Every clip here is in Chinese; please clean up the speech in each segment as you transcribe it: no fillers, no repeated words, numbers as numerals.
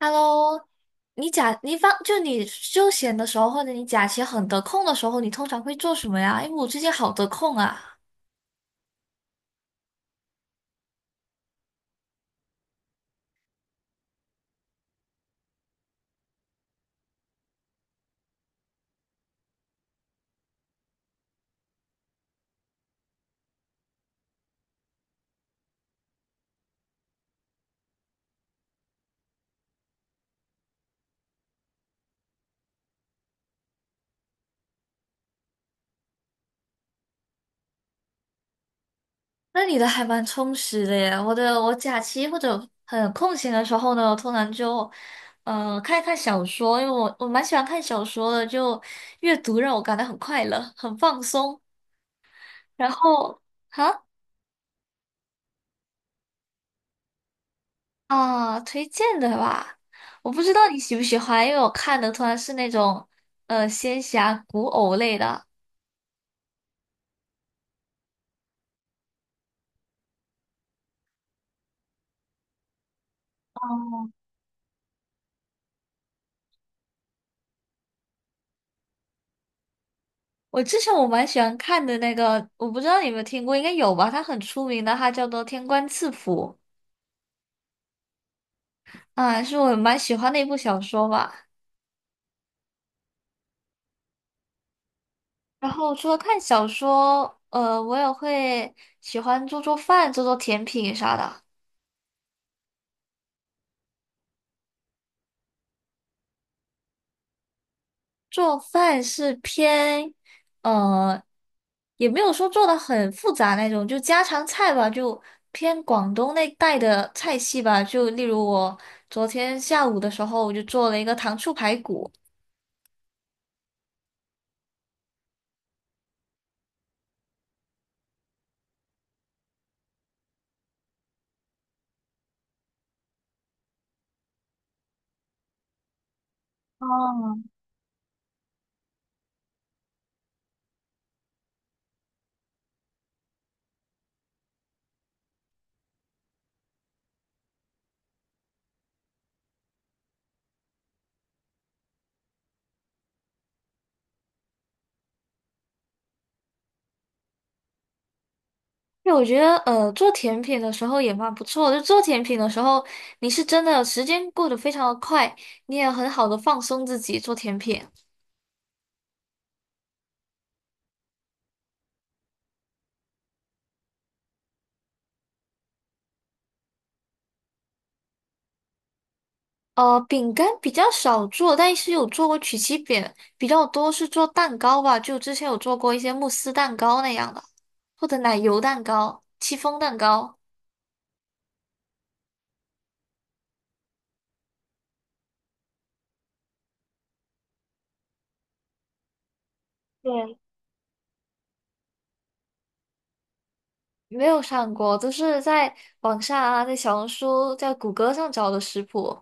Hello，你假你放就你休闲的时候，或者你假期很得空的时候，你通常会做什么呀？因为我最近好得空啊。那你的还蛮充实的耶。我假期或者很空闲的时候呢，我通常就看一看小说，因为我蛮喜欢看小说的，就阅读让我感到很快乐，很放松。然后哈啊，推荐的吧，我不知道你喜不喜欢，因为我看的通常是那种仙侠古偶类的。我之前蛮喜欢看的那个，我不知道你有没有听过，应该有吧？它很出名的，它叫做《天官赐福》啊，是我蛮喜欢的一部小说吧。然后除了看小说，我也会喜欢做做饭、做做甜品啥的。做饭是偏，呃，也没有说做的很复杂那种，就家常菜吧，就偏广东那带的菜系吧。就例如我昨天下午的时候，我就做了一个糖醋排骨。哦对，我觉得做甜品的时候也蛮不错的。就做甜品的时候，你是真的时间过得非常的快，你也很好的放松自己做甜品。呃，饼干比较少做，但是有做过曲奇饼，比较多是做蛋糕吧。就之前有做过一些慕斯蛋糕那样的，或者奶油蛋糕、戚风蛋糕。对，没有上过，都是在网上啊，在小红书、在谷歌上找的食谱。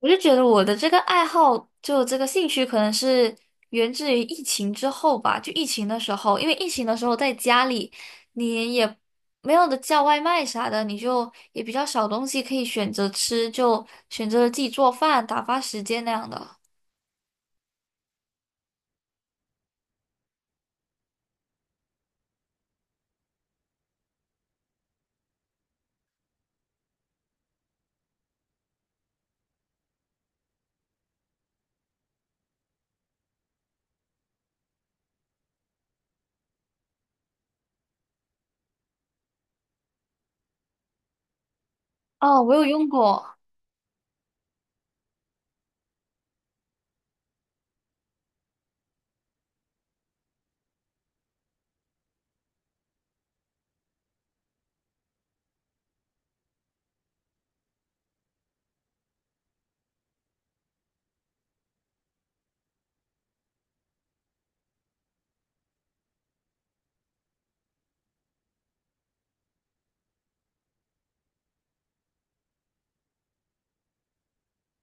我就觉得我的这个爱好，就这个兴趣，可能是源自于疫情之后吧。就疫情的时候，因为疫情的时候在家里，你也没有的叫外卖啥的，你就也比较少东西可以选择吃，就选择了自己做饭，打发时间那样的。哦，我有用过，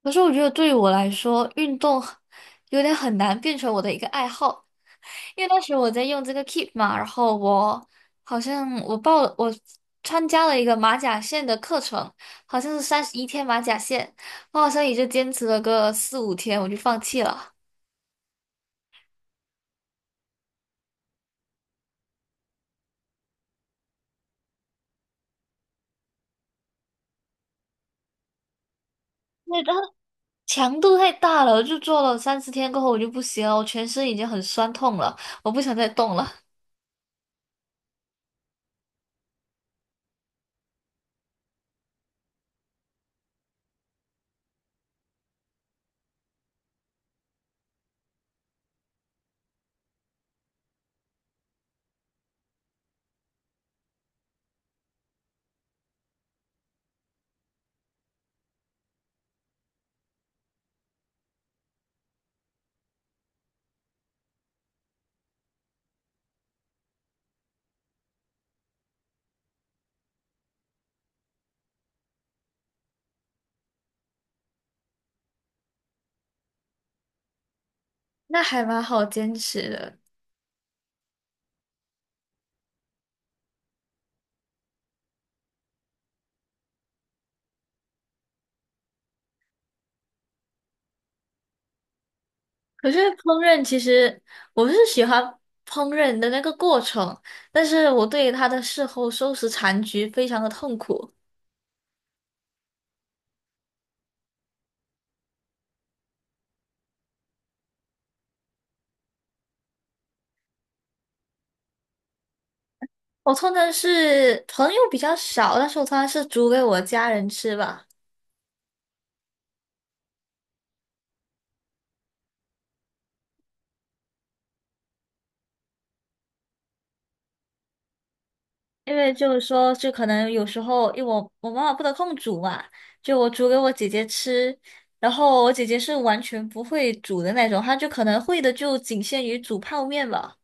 可是我觉得对于我来说，运动 有点很难变成我的一个爱好，因为当时我在用这个 Keep 嘛，然后我好像我报了，我参加了一个马甲线的课程，好像是31天马甲线，我好像也就坚持了个4、5天，我就放弃了。因为它强度太大了，我就做了3、4天过后我就不行了，我全身已经很酸痛了，我不想再动了。那还蛮好坚持的。可是烹饪其实我是喜欢烹饪的那个过程，但是我对它的事后收拾残局非常的痛苦。我通常是朋友比较少，但是我通常是煮给我家人吃吧，因为就是说，就可能有时候，因为我妈妈不得空煮嘛，就我煮给我姐姐吃，然后我姐姐是完全不会煮的那种，她就可能会的就仅限于煮泡面吧，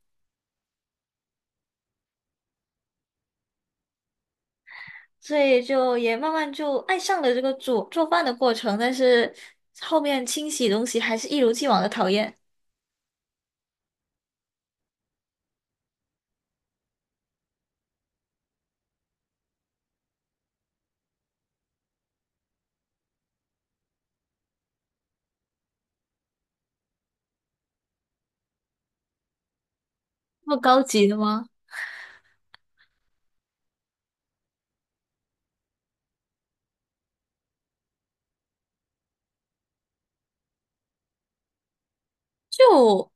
所以就也慢慢就爱上了这个煮做饭的过程，但是后面清洗东西还是一如既往的讨厌，那么高级的吗？就。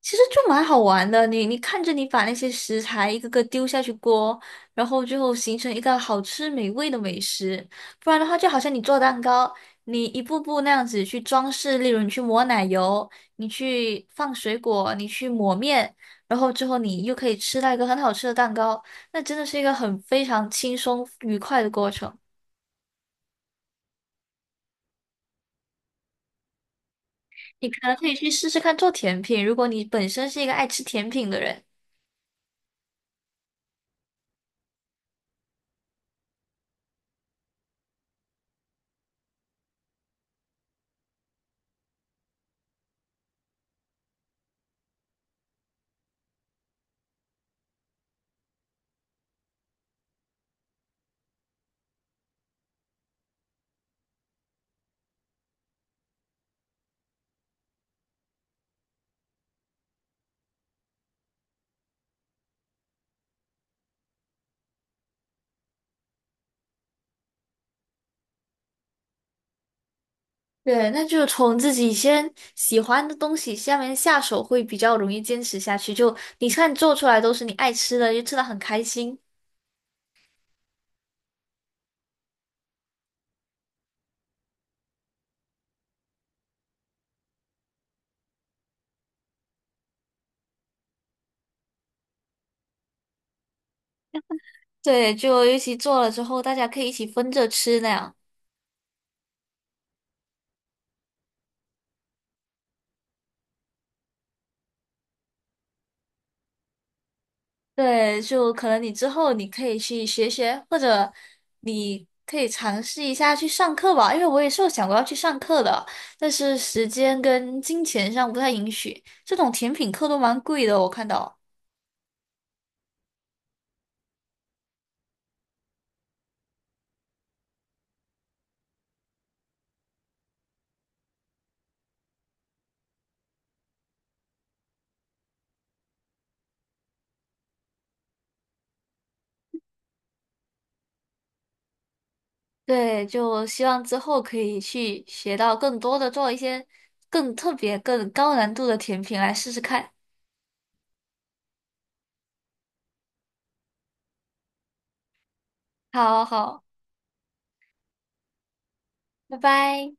其实就蛮好玩的，你看着你把那些食材一个个丢下去锅，然后最后形成一个好吃美味的美食。不然的话，就好像你做蛋糕，你一步步那样子去装饰，例如你去抹奶油，你去放水果，你去抹面，然后之后你又可以吃到一个很好吃的蛋糕，那真的是一个很非常轻松愉快的过程。你可能可以去试试看做甜品，如果你本身是一个爱吃甜品的人。对，那就从自己先喜欢的东西下面下手，会比较容易坚持下去。就你看做出来都是你爱吃的，就吃的很开心。对，就尤其做了之后，大家可以一起分着吃那样。对，就可能你之后你可以去学学，或者你可以尝试一下去上课吧，因为我也是有想过要去上课的，但是时间跟金钱上不太允许。这种甜品课都蛮贵的，我看到。对，就希望之后可以去学到更多的，做一些更特别、更高难度的甜品来试试看。好好，拜拜。